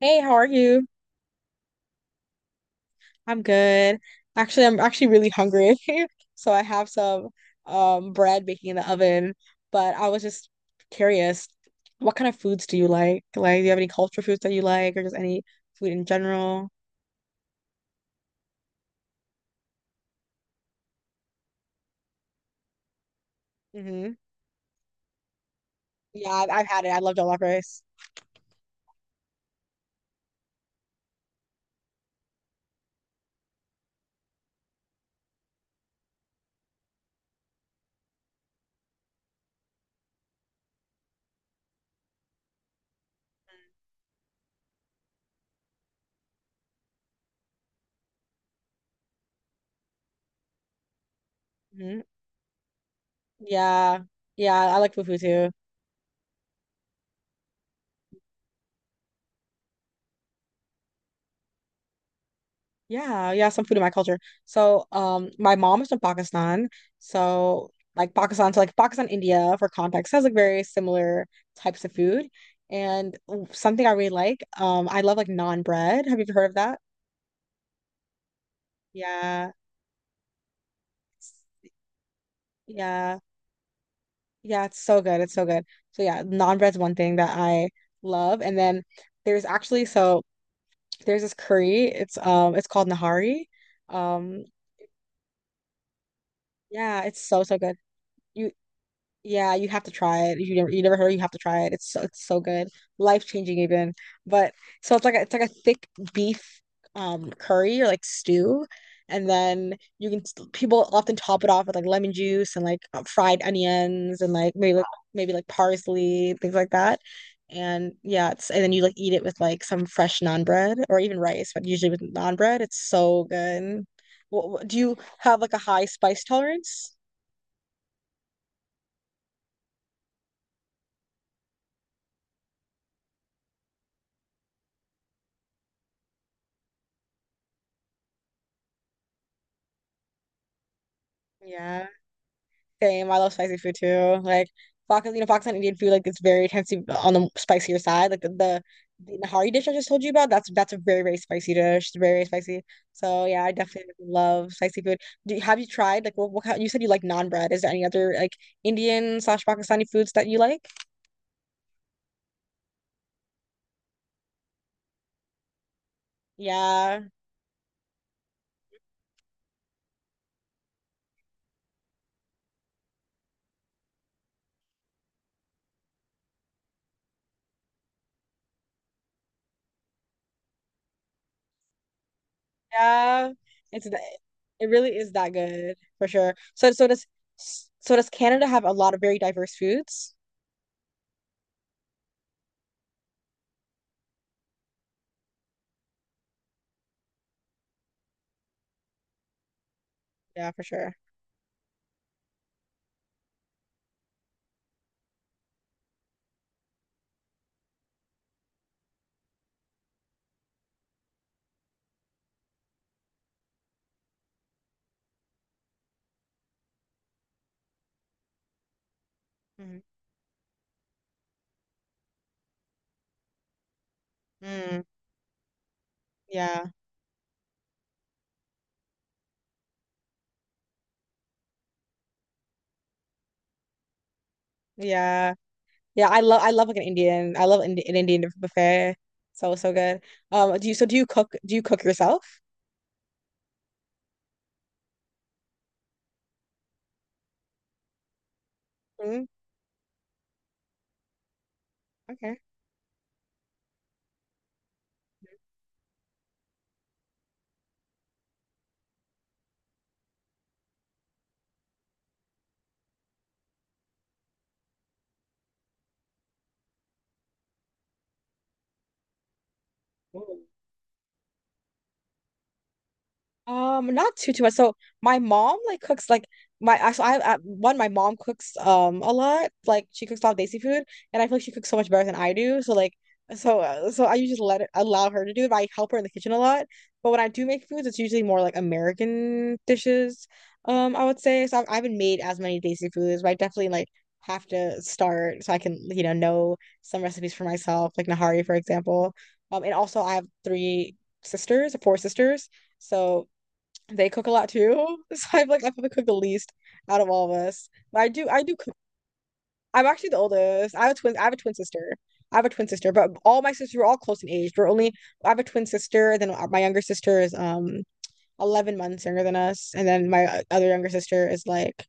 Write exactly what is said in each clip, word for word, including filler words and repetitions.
Hey, how are you? I'm good. Actually, I'm actually really hungry. So I have some um bread baking in the oven, but I was just curious, what kind of foods do you like? Like, do you have any culture foods that you like or just any food in general? Hmm. Yeah, I've, I've had it. I love jollof rice. Hmm. Yeah. Yeah, I like fufu too. Yeah, yeah, some food in my culture. So, um, my mom is from Pakistan. So, like Pakistan, so like Pakistan, India, for context, has like very similar types of food. And w- something I really like, um, I love like naan bread. Have you heard of that? Yeah, yeah, yeah. It's so good. It's so good. So yeah, naan bread's one thing that I love. And then there's actually so there's this curry. It's um, it's called Nahari. Um, yeah, it's so so good. You Yeah, you have to try it. If you never you never heard, you have to try it. It's so it's so good. Life-changing even. But so it's like a, it's like a thick beef um curry or like stew. And then you can people often top it off with like lemon juice and like uh, fried onions and like maybe like maybe like parsley, things like that. And yeah, it's and then you like eat it with like some fresh naan bread or even rice, but usually with naan bread, it's so good. What, what, do you have like a high spice tolerance? Yeah. Same. I love spicy food too. Like Pakistan, you know, Pakistan Indian food like it's very tends to be on the spicier side. Like the, the the Nahari dish I just told you about, that's that's a very very spicy dish. It's very very spicy. So yeah, I definitely love spicy food. Do you, have you tried like what, what kind, you said you like naan bread? Is there any other like Indian slash Pakistani foods that you like? Yeah, yeah. It's th- it really is that good for sure. So so does so does Canada have a lot of very diverse foods? Yeah, for sure. Mm-hmm. Mm, yeah, yeah. Yeah, I love I love like an Indian. I love Indi an Indian buffet. So so good. Um, do you so do you cook do you cook yourself? Mm, okay. Ooh. Um, not too too much. So my mom like cooks like my actually I, I one my mom cooks um a lot. Like she cooks a lot of Desi food, and I feel like she cooks so much better than I do. So like so uh, so I usually let it allow her to do it. But I help her in the kitchen a lot. But when I do make foods, it's usually more like American dishes. Um, I would say so. I've, I haven't made as many Desi foods, but I definitely like have to start so I can you know know some recipes for myself, like Nahari for example. Um, and also I have three sisters, four sisters. So they cook a lot too. So I'm like I probably cook the least out of all of us. But I do I do cook. I'm actually the oldest. I have a twin I have a twin sister. I have a twin sister, but all my sisters were all close in age. We're only I have a twin sister, and then uh, my younger sister is um 11 months younger than us, and then my uh, other younger sister is like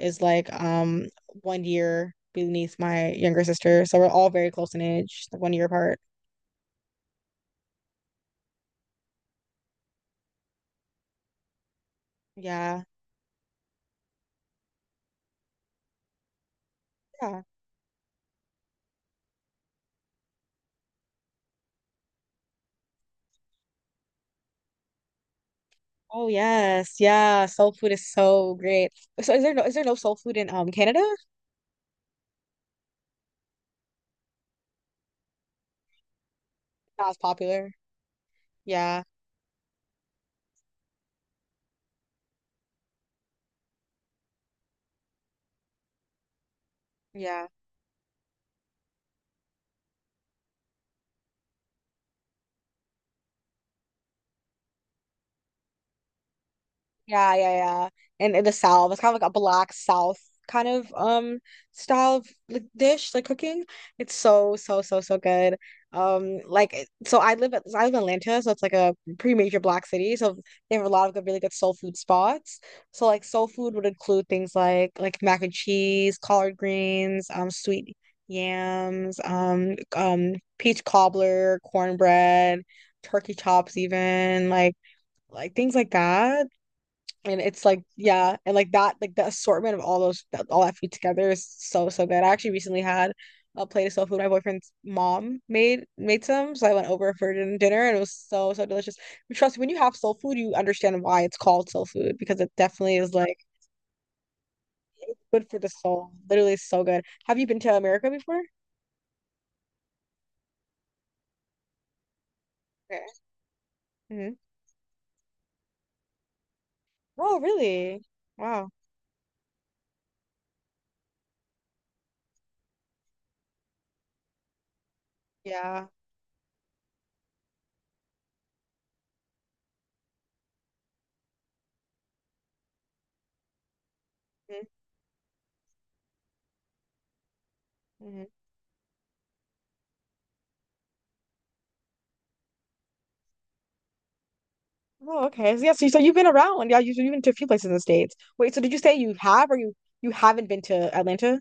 is like um one year beneath my younger sister. So we're all very close in age, like one year apart. Yeah. Yeah. Oh yes. Yeah. Soul food is so great. So is there no is there no soul food in um Canada? Not as popular. Yeah, yeah, yeah, yeah, yeah. And in the South, it's kind of like a black South kind of um style of like dish, like cooking. It's so, so, so, so good. Um, like it- so I live at I live in Atlanta, so it's like a pretty major black city. So they have a lot of good, really good soul food spots. So like soul food would include things like like mac and cheese, collard greens, um, sweet yams, um, um, peach cobbler, cornbread turkey chops even like like things like that. And it's like, yeah, and like that, like the assortment of all those, that, all that food together is so, so good. I actually recently had a plate of soul food my boyfriend's mom made made some, so I went over for din- dinner, and it was so, so delicious. But trust me, when you have soul food, you understand why it's called soul food because it definitely is like good for the soul. Literally, it's so good. Have you been to America before? Okay. Hmm. Oh, really? Wow. Yeah. Mhm. Mhm. Oh, okay. So, yeah, so, so you've been around. Yeah, you, so you've been to a few places in the States. Wait, so did you say you have or you you haven't been to Atlanta?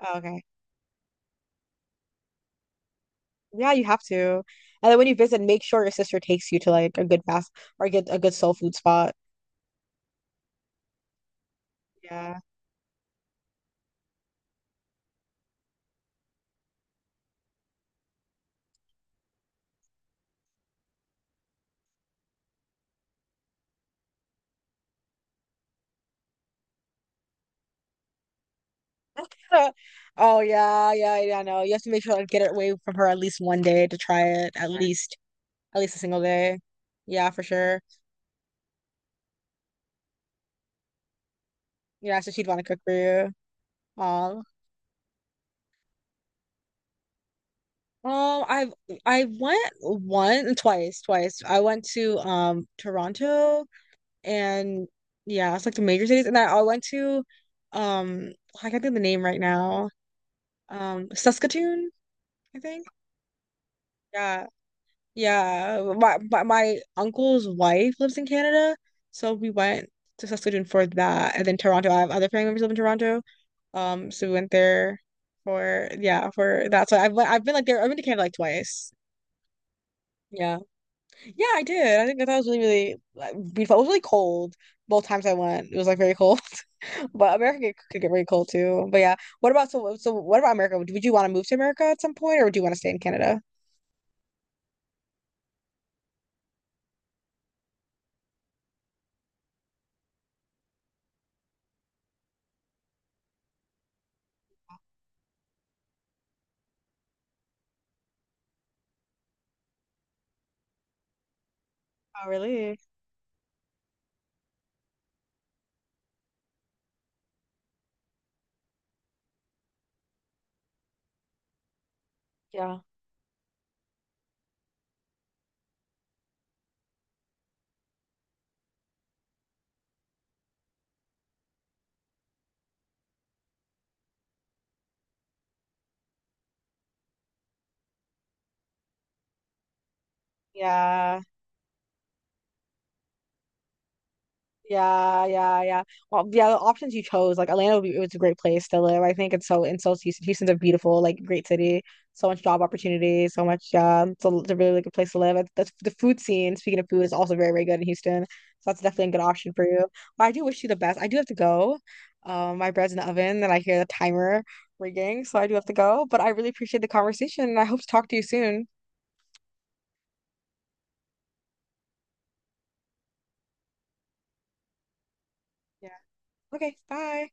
Oh, okay. Yeah, you have to. And then when you visit, make sure your sister takes you to like a good fast or get a good soul food spot. Yeah. Oh yeah, yeah, yeah. No, you have to make sure like get it away from her at least one day to try it, at least at least a single day. Yeah, for sure. Yeah, so she'd want to cook for you. Um, Oh, I've I went one twice, twice. I went to um Toronto and yeah, it's like the major cities. And I, I went to um I can't think of the name right now. Um Saskatoon, I think. Yeah. Yeah. My my, my uncle's wife lives in Canada, so we went to Saskatoon for that. And then Toronto. I have other family members live in Toronto. Um, so we went there for yeah, for that. So I've I've been like there, I've been to Canada like twice. Yeah. Yeah, I did. I think that was really, really like, beautiful. It was really cold both times I went. It was like very cold, but America could, could get very cold too. But yeah, what about so so? What about America? Would, would you want to move to America at some point, or do you want to stay in Canada? Oh, really? Yeah. Yeah. Yeah, yeah, yeah. Well, yeah, the options you chose, like Atlanta would be, it's a great place to live. I think it's so in so Houston. Houston's a beautiful, like great city. So much job opportunity, so much yeah. It's a, it's a really, really good place to live. That's the food scene, speaking of food, is also very, very good in Houston. So that's definitely a good option for you. But I do wish you the best. I do have to go. Um, my bread's in the oven and I hear the timer ringing, so I do have to go. But I really appreciate the conversation and I hope to talk to you soon. Yeah. Okay, bye.